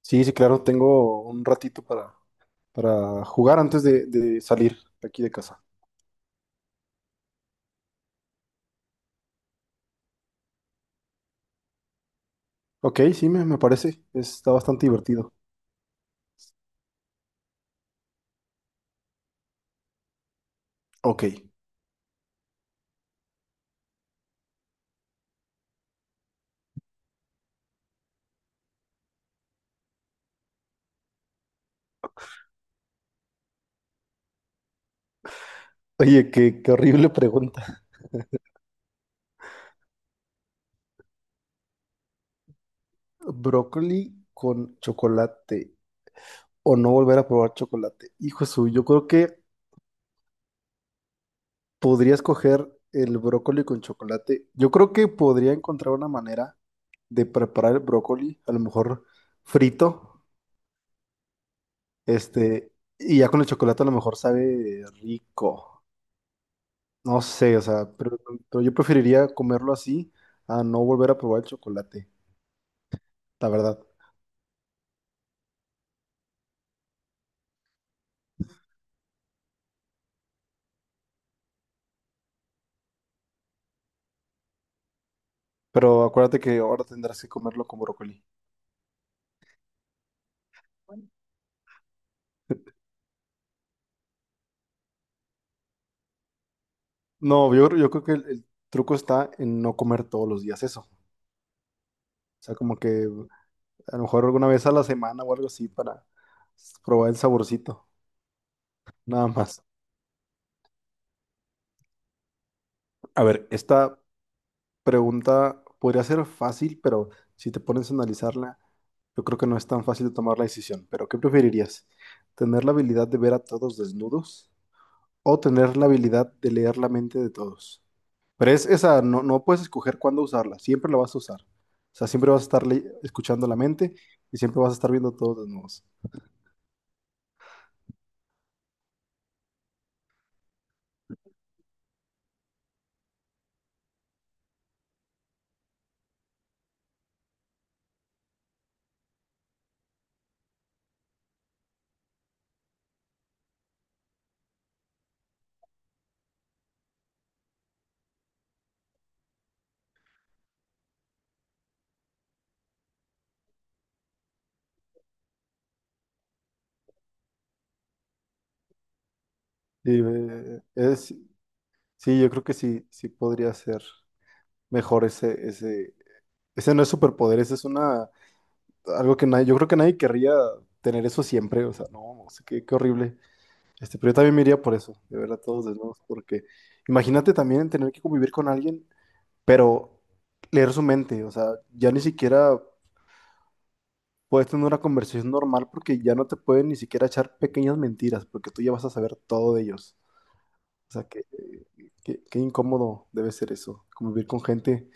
Sí, sí, claro, tengo un ratito para jugar antes de salir de aquí de casa. Ok, sí, me parece. Está bastante divertido. Ok. Oye, qué horrible pregunta. Brócoli con chocolate o no volver a probar chocolate. Hijo suyo, yo creo que podría escoger el brócoli con chocolate. Yo creo que podría encontrar una manera de preparar el brócoli, a lo mejor frito, este, y ya con el chocolate a lo mejor sabe rico. No sé, o sea, pero yo preferiría comerlo así a no volver a probar el chocolate, la verdad. Pero acuérdate que ahora tendrás que comerlo con brócoli. No, yo creo que el truco está en no comer todos los días eso. O sea, como que a lo mejor alguna vez a la semana o algo así para probar el saborcito, nada más. A ver, esta pregunta podría ser fácil, pero si te pones a analizarla, yo creo que no es tan fácil de tomar la decisión. Pero, ¿qué preferirías? ¿Tener la habilidad de ver a todos desnudos o tener la habilidad de leer la mente de todos? Pero es esa, no puedes escoger cuándo usarla, siempre la vas a usar. O sea, siempre vas a estar escuchando la mente y siempre vas a estar viendo a todos desnudos. Sí sí, yo creo que sí, sí podría ser mejor ese no es superpoder, ese es una algo que nadie, yo creo que nadie querría tener eso siempre, o sea, no sé qué horrible. Pero yo también me iría por eso, de ver a todos desnudos, porque imagínate también tener que convivir con alguien, pero leer su mente, o sea, ya ni siquiera puedes tener una conversación normal porque ya no te pueden ni siquiera echar pequeñas mentiras, porque tú ya vas a saber todo de ellos. O sea, qué incómodo debe ser eso, convivir con gente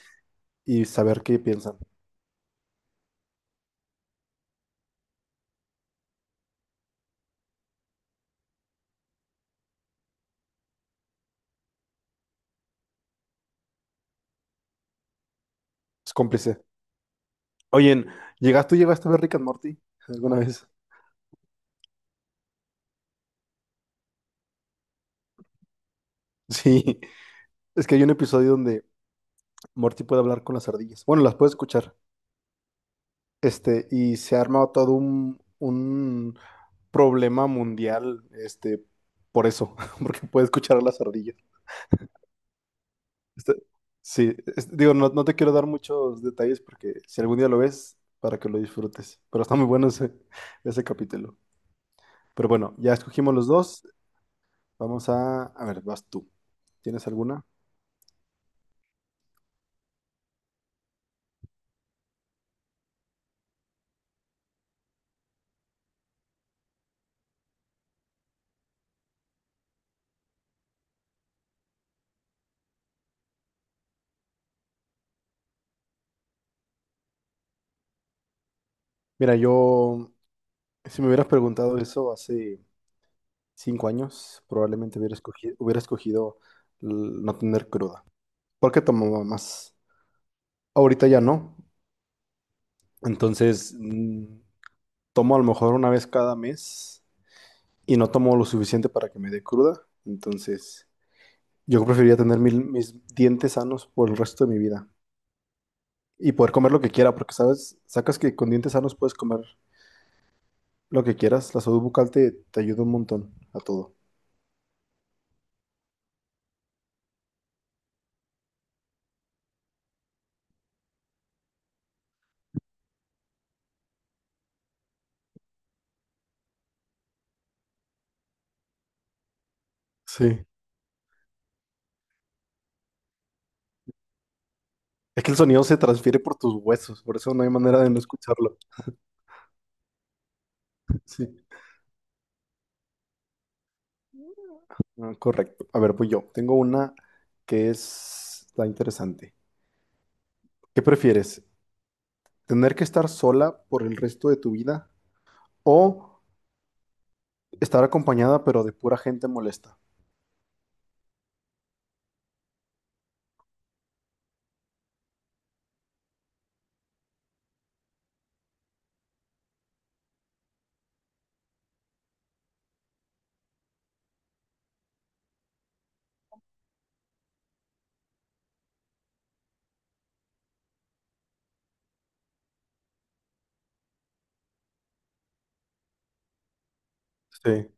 y saber qué piensan. Es cómplice. Oye, tú llegaste a ver Rick and Morty alguna vez? Sí. Es que hay un episodio donde Morty puede hablar con las ardillas. Bueno, las puede escuchar. Y se ha armado todo un problema mundial, por eso, porque puede escuchar a las ardillas. Este, sí, digo, no te quiero dar muchos detalles porque si algún día lo ves, para que lo disfrutes. Pero está muy bueno ese capítulo. Pero bueno, ya escogimos los dos. Vamos a ver, vas tú. ¿Tienes alguna? Mira, yo, si me hubieras preguntado eso hace 5 años, probablemente hubiera escogido l- no tener cruda, porque tomaba más. Ahorita ya no, entonces tomo a lo mejor una vez cada mes y no tomo lo suficiente para que me dé cruda, entonces yo preferiría tener mis dientes sanos por el resto de mi vida y poder comer lo que quiera, porque sabes, sacas que con dientes sanos puedes comer lo que quieras, la salud bucal te ayuda un montón a todo. Sí. Es que el sonido se transfiere por tus huesos, por eso no hay manera de no escucharlo. Sí. Ah, correcto. A ver, pues yo. Tengo una que está interesante. ¿Qué prefieres? ¿Tener que estar sola por el resto de tu vida o estar acompañada pero de pura gente molesta? Sí,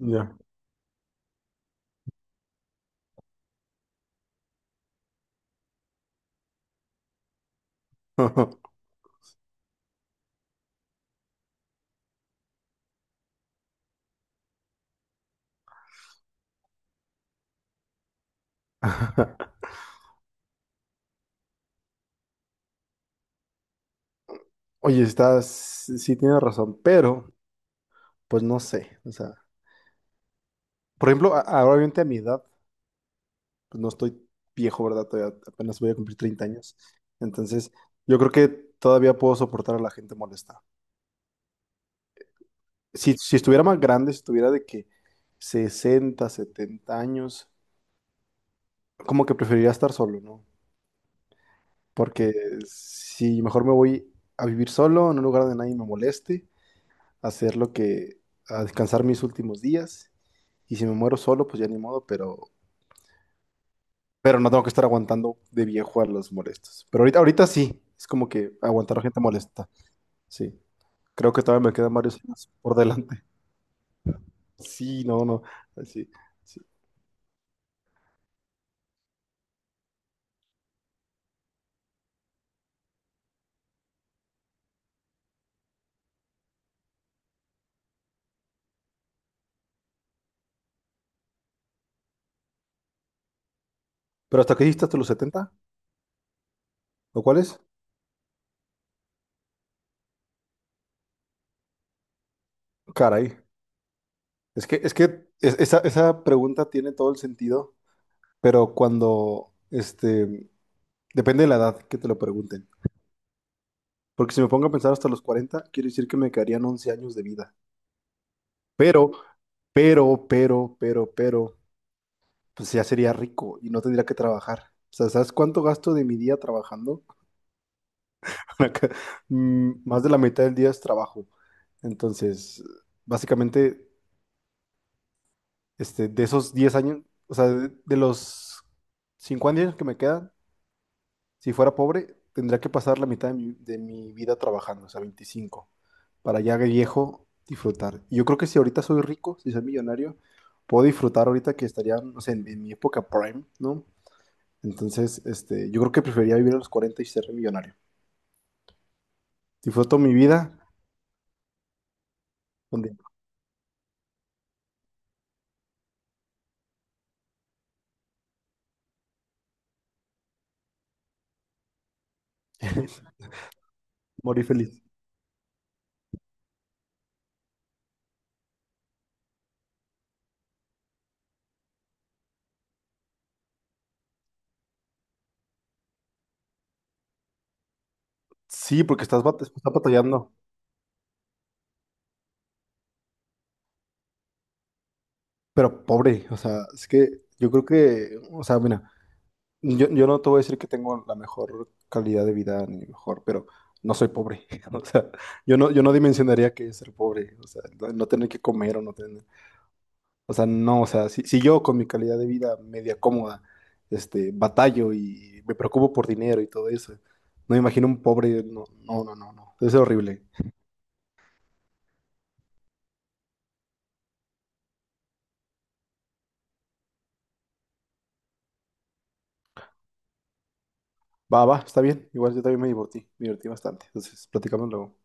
ya. Oye, sí tienes razón, pero pues no sé. O sea, por ejemplo, ahora obviamente a mi edad, pues no estoy viejo, ¿verdad? Todavía apenas voy a cumplir 30 años. Entonces, yo creo que todavía puedo soportar a la gente molesta. Si estuviera más grande, si estuviera de que 60 70 años, como que preferiría estar solo, ¿no? Porque si mejor me voy a vivir solo, en un lugar donde nadie me moleste, a hacer lo que, a descansar mis últimos días, y si me muero solo, pues ya ni modo, pero no tengo que estar aguantando de viejo a los molestos. Pero ahorita, ahorita sí, es como que aguantar a gente molesta, sí. Creo que todavía me quedan varios años por delante. Sí, no, no, sí, sí. ¿Pero hasta qué hiciste hasta los 70? ¿O cuál es? Caray, es que esa pregunta tiene todo el sentido, pero cuando, depende de la edad que te lo pregunten. Porque si me pongo a pensar hasta los 40 quiere decir que me quedarían 11 años de vida. Pero, pero, pues ya sería rico y no tendría que trabajar. O sea, ¿sabes cuánto gasto de mi día trabajando? Para que- Más de la mitad del día es trabajo. Entonces, básicamente de esos 10 años, o sea, de los 50 años que me quedan, si fuera pobre, tendría que pasar la mitad de mi, vida trabajando, o sea, 25 para ya de viejo disfrutar. Y yo creo que si ahorita soy rico, si soy millonario, puedo disfrutar ahorita que estaría, no sé, en mi época prime, ¿no? Entonces, yo creo que preferiría vivir a los 40 y ser millonario. Disfruto mi vida donde morir feliz. Sí, porque estás, estás batallando, pero pobre, o sea, es que yo creo que, o sea, mira, Yo no te voy a decir que tengo la mejor calidad de vida ni mejor, pero no soy pobre. O sea, yo no dimensionaría que es ser pobre. O sea, no tener que comer o no tener. O sea, no, o sea, si yo con mi calidad de vida media cómoda, batallo y me preocupo por dinero y todo eso, no me imagino un pobre. No, no, no, no, no. Debe ser horrible. Va, va, está bien. Igual yo también me divertí bastante. Entonces, platicamos luego.